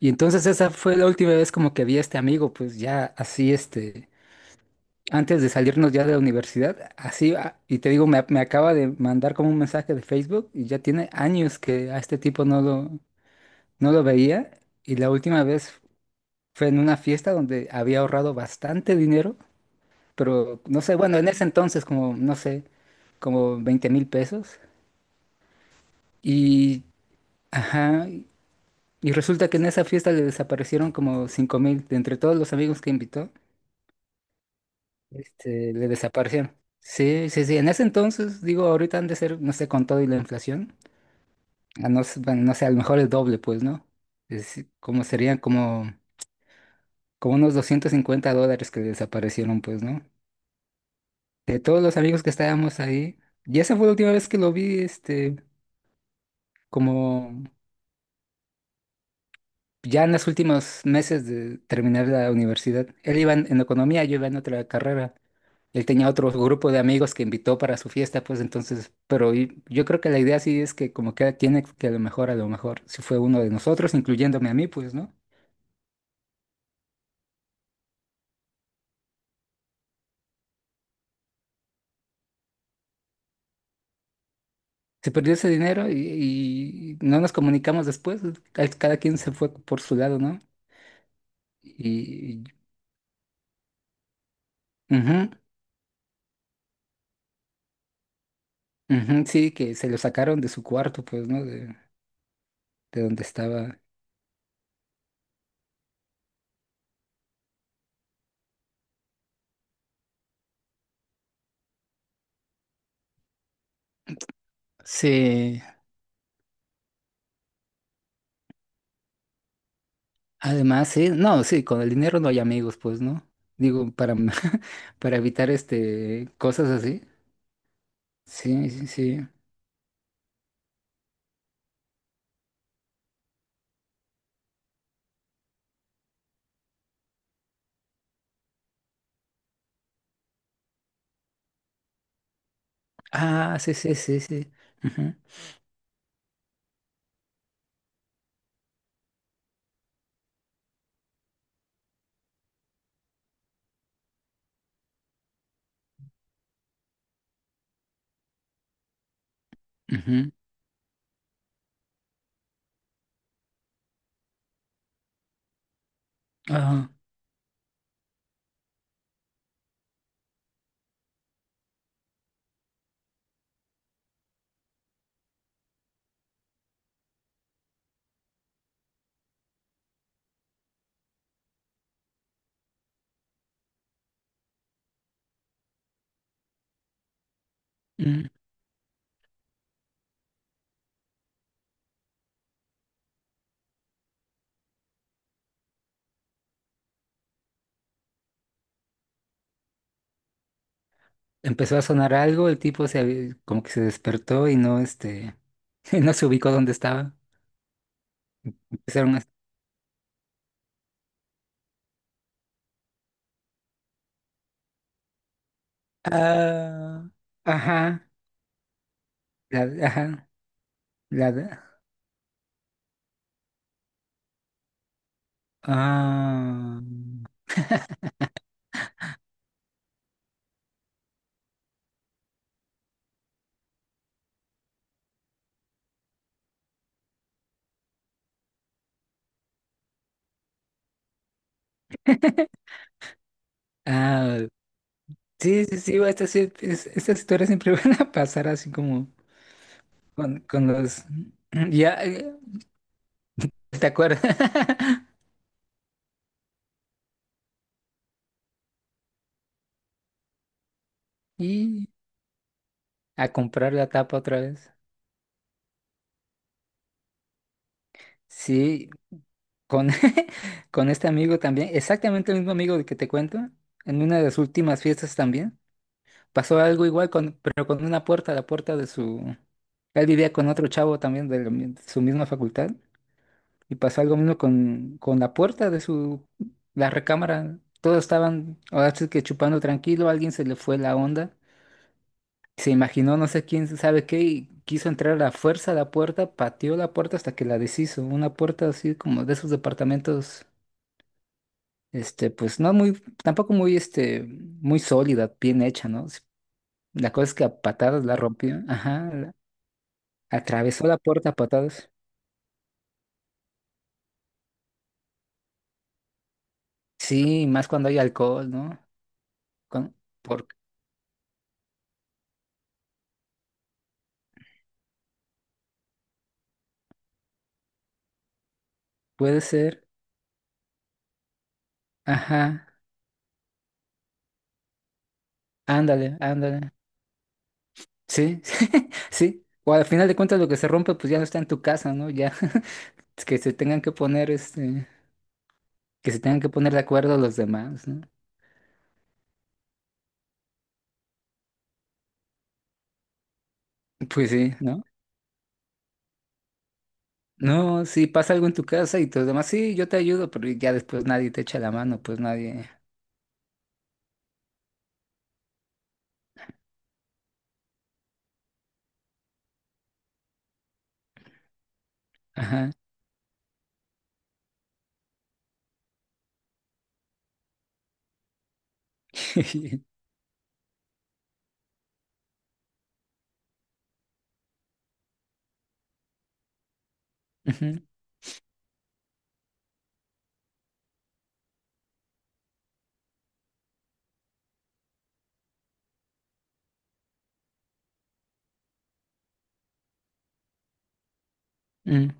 Y entonces esa fue la última vez como que vi a este amigo, pues ya así, antes de salirnos ya de la universidad, así, y te digo, me acaba de mandar como un mensaje de Facebook y ya tiene años que a este tipo no lo veía. Y la última vez fue en una fiesta donde había ahorrado bastante dinero, pero no sé, bueno, en ese entonces como, no sé, como 20,000 pesos. Y, ajá, y resulta que en esa fiesta le desaparecieron como 5,000 de entre todos los amigos que invitó. Le desaparecieron. Sí, sí, sí. En ese entonces, digo, ahorita han de ser, no sé, con todo y la inflación. A no, bueno, no sé, a lo mejor el doble, pues, ¿no? Es como serían como, como unos 250 dólares que desaparecieron, pues, ¿no? De todos los amigos que estábamos ahí. Y esa fue la última vez que lo vi, este, como. Ya en los últimos meses de terminar la universidad, él iba en economía, yo iba en otra carrera. Él tenía otro grupo de amigos que invitó para su fiesta, pues entonces, pero yo creo que la idea sí es que como que tiene que a lo mejor, si fue uno de nosotros, incluyéndome a mí, pues, ¿no? Se perdió ese dinero y no nos comunicamos después, cada quien se fue por su lado, ¿no? Y, ujú, ujú, sí, que se lo sacaron de su cuarto, pues, ¿no? De donde estaba. Sí. Además, sí, no, sí, con el dinero no hay amigos, pues, ¿no? Digo, para, para evitar cosas así. Sí, sí, sí. Ah, sí, sí, sí, sí. Ujú, ujú. Ah, mm. Empezó a sonar algo, el tipo como que se despertó y no no se ubicó donde estaba. Empezaron a ah, ajá, la, ajá, la, ah. Ah, sí, sí, sí, estas historias siempre van a pasar así como con los... Ya, ¿te acuerdas? Y a comprar la tapa otra vez. Sí, con, con este amigo también, exactamente el mismo amigo del que te cuento, en una de las últimas fiestas también, pasó algo igual, con, pero con una puerta, la puerta de su... Él vivía con otro chavo también de, de su misma facultad y pasó algo mismo con la puerta de su... la recámara. Todos estaban, ahora sí que chupando tranquilo, a alguien se le fue la onda. Se imaginó, no sé quién sabe qué, y quiso entrar a la fuerza a la puerta, pateó la puerta hasta que la deshizo. Una puerta así como de esos departamentos, pues no muy, tampoco muy, muy sólida, bien hecha, ¿no? La cosa es que a patadas la rompió, ajá, atravesó la puerta a patadas. Sí, más cuando hay alcohol, ¿no? Con, por- puede ser, ajá, ándale, ándale. Sí, sí. O al final de cuentas lo que se rompe pues ya no está en tu casa, ¿no? Ya. Es que se tengan que poner, este, que se tengan que poner de acuerdo los demás, ¿no? Pues sí, ¿no? No, si pasa algo en tu casa y todos demás, sí, yo te ayudo, pero ya después nadie te echa la mano, pues nadie. Ajá. Ujú, mm,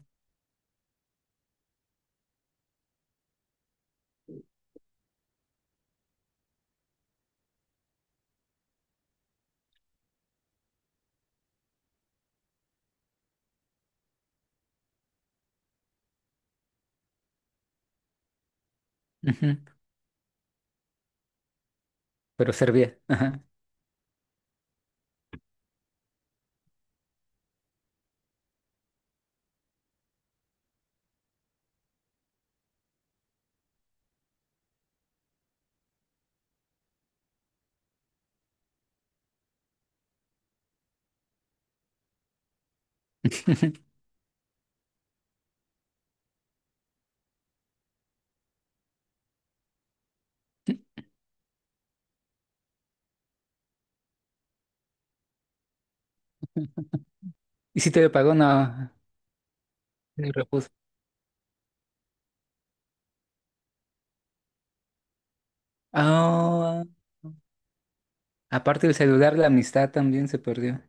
ujú. Pero servía. Ajá. Y si te lo pagó, no, el repuso. Ah, aparte del celular, la amistad también se perdió.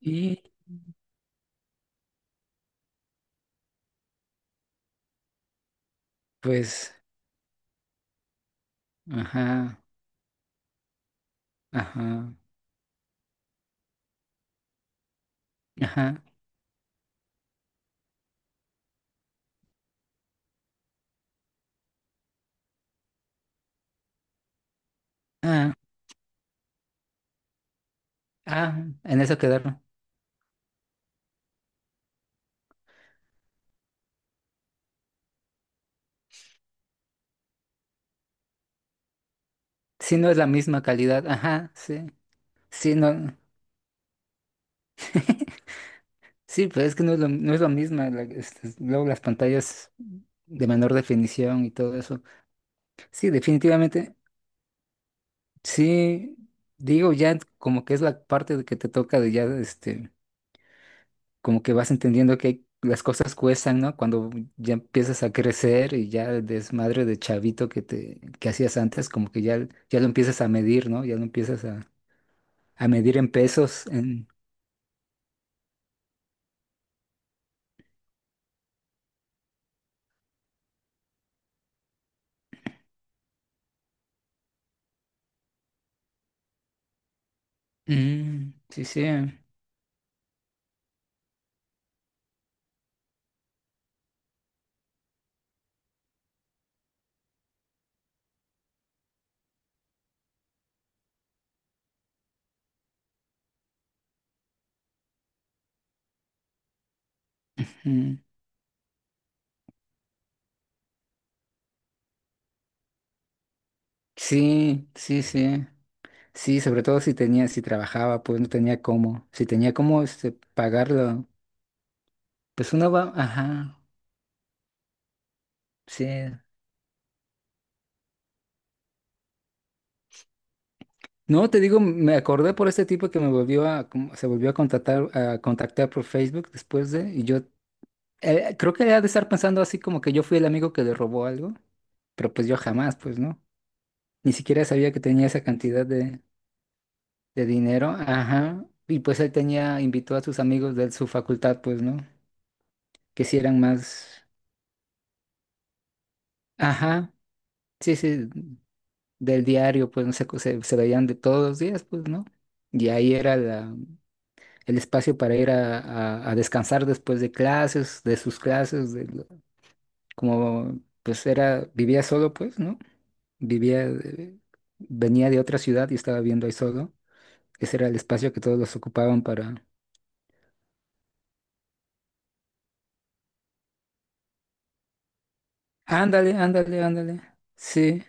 Y pues, ajá, ajá, ajá. Ah, ah, en eso quedaron. Sí, no es la misma calidad. Ajá, sí. Sí, no. Sí, pero es que no es lo mismo. Luego las pantallas de menor definición y todo eso. Sí, definitivamente. Sí, digo, ya como que es la parte de que te toca de ya, como que vas entendiendo que las cosas cuestan, ¿no? Cuando ya empiezas a crecer y ya el desmadre de chavito que te, que hacías antes, como que ya, ya lo empiezas a medir, ¿no? Ya lo empiezas a medir en pesos, en... Mm, sí, sí. Mm. Sí, sí, sí. Sí, sobre todo si tenía, si trabajaba, pues no tenía cómo. Si tenía cómo pagarlo, pues uno va, ajá, sí. No, te digo, me acordé por este tipo que me volvió a, como- se volvió a contactar por Facebook después de, y yo creo que había de estar pensando así como que yo fui el amigo que le robó algo, pero pues yo jamás, pues no. Ni siquiera sabía que tenía esa cantidad de dinero, ajá. Y pues él tenía, invitó a sus amigos de su facultad, pues no. que sí eran más, ajá, sí, sí, del diario, pues no sé, se veían de todos los días, pues, ¿no? Y ahí era el espacio para ir a, a descansar después de clases, de sus clases, como pues era, vivía solo, pues, ¿no? Vivía, venía de otra ciudad y estaba viendo ahí solo. Ese era el espacio que todos los ocupaban para... Ándale, ándale, ándale. Sí,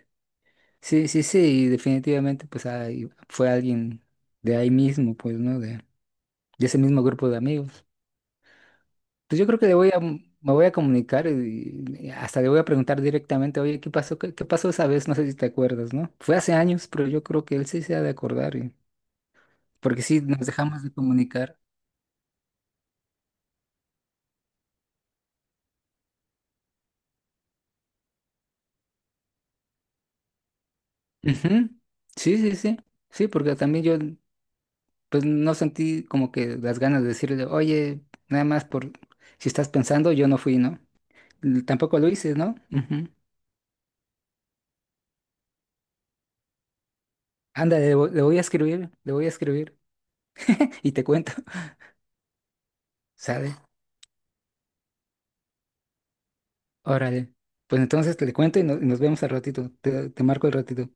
sí, sí, sí, y definitivamente pues ahí fue alguien de ahí mismo, pues, ¿no? De ese mismo grupo de amigos. Pues yo creo que me voy a comunicar y hasta le voy a preguntar directamente, oye, ¿qué pasó? ¿Qué, qué pasó esa vez? No sé si te acuerdas, ¿no? Fue hace años, pero yo creo que él sí se ha de acordar, y- porque sí nos dejamos de comunicar. Ujú. Sí, sí, sí. Sí, porque también yo, pues no sentí como que las ganas de decirle, oye, nada más por si estás pensando, yo no fui, ¿no? L- Tampoco lo hice, ¿no? Ujú. Anda, le voy a escribir, le voy a escribir y te cuento. Sale. Órale. Pues entonces te le cuento y, no- y nos vemos al ratito. Te marco al ratito.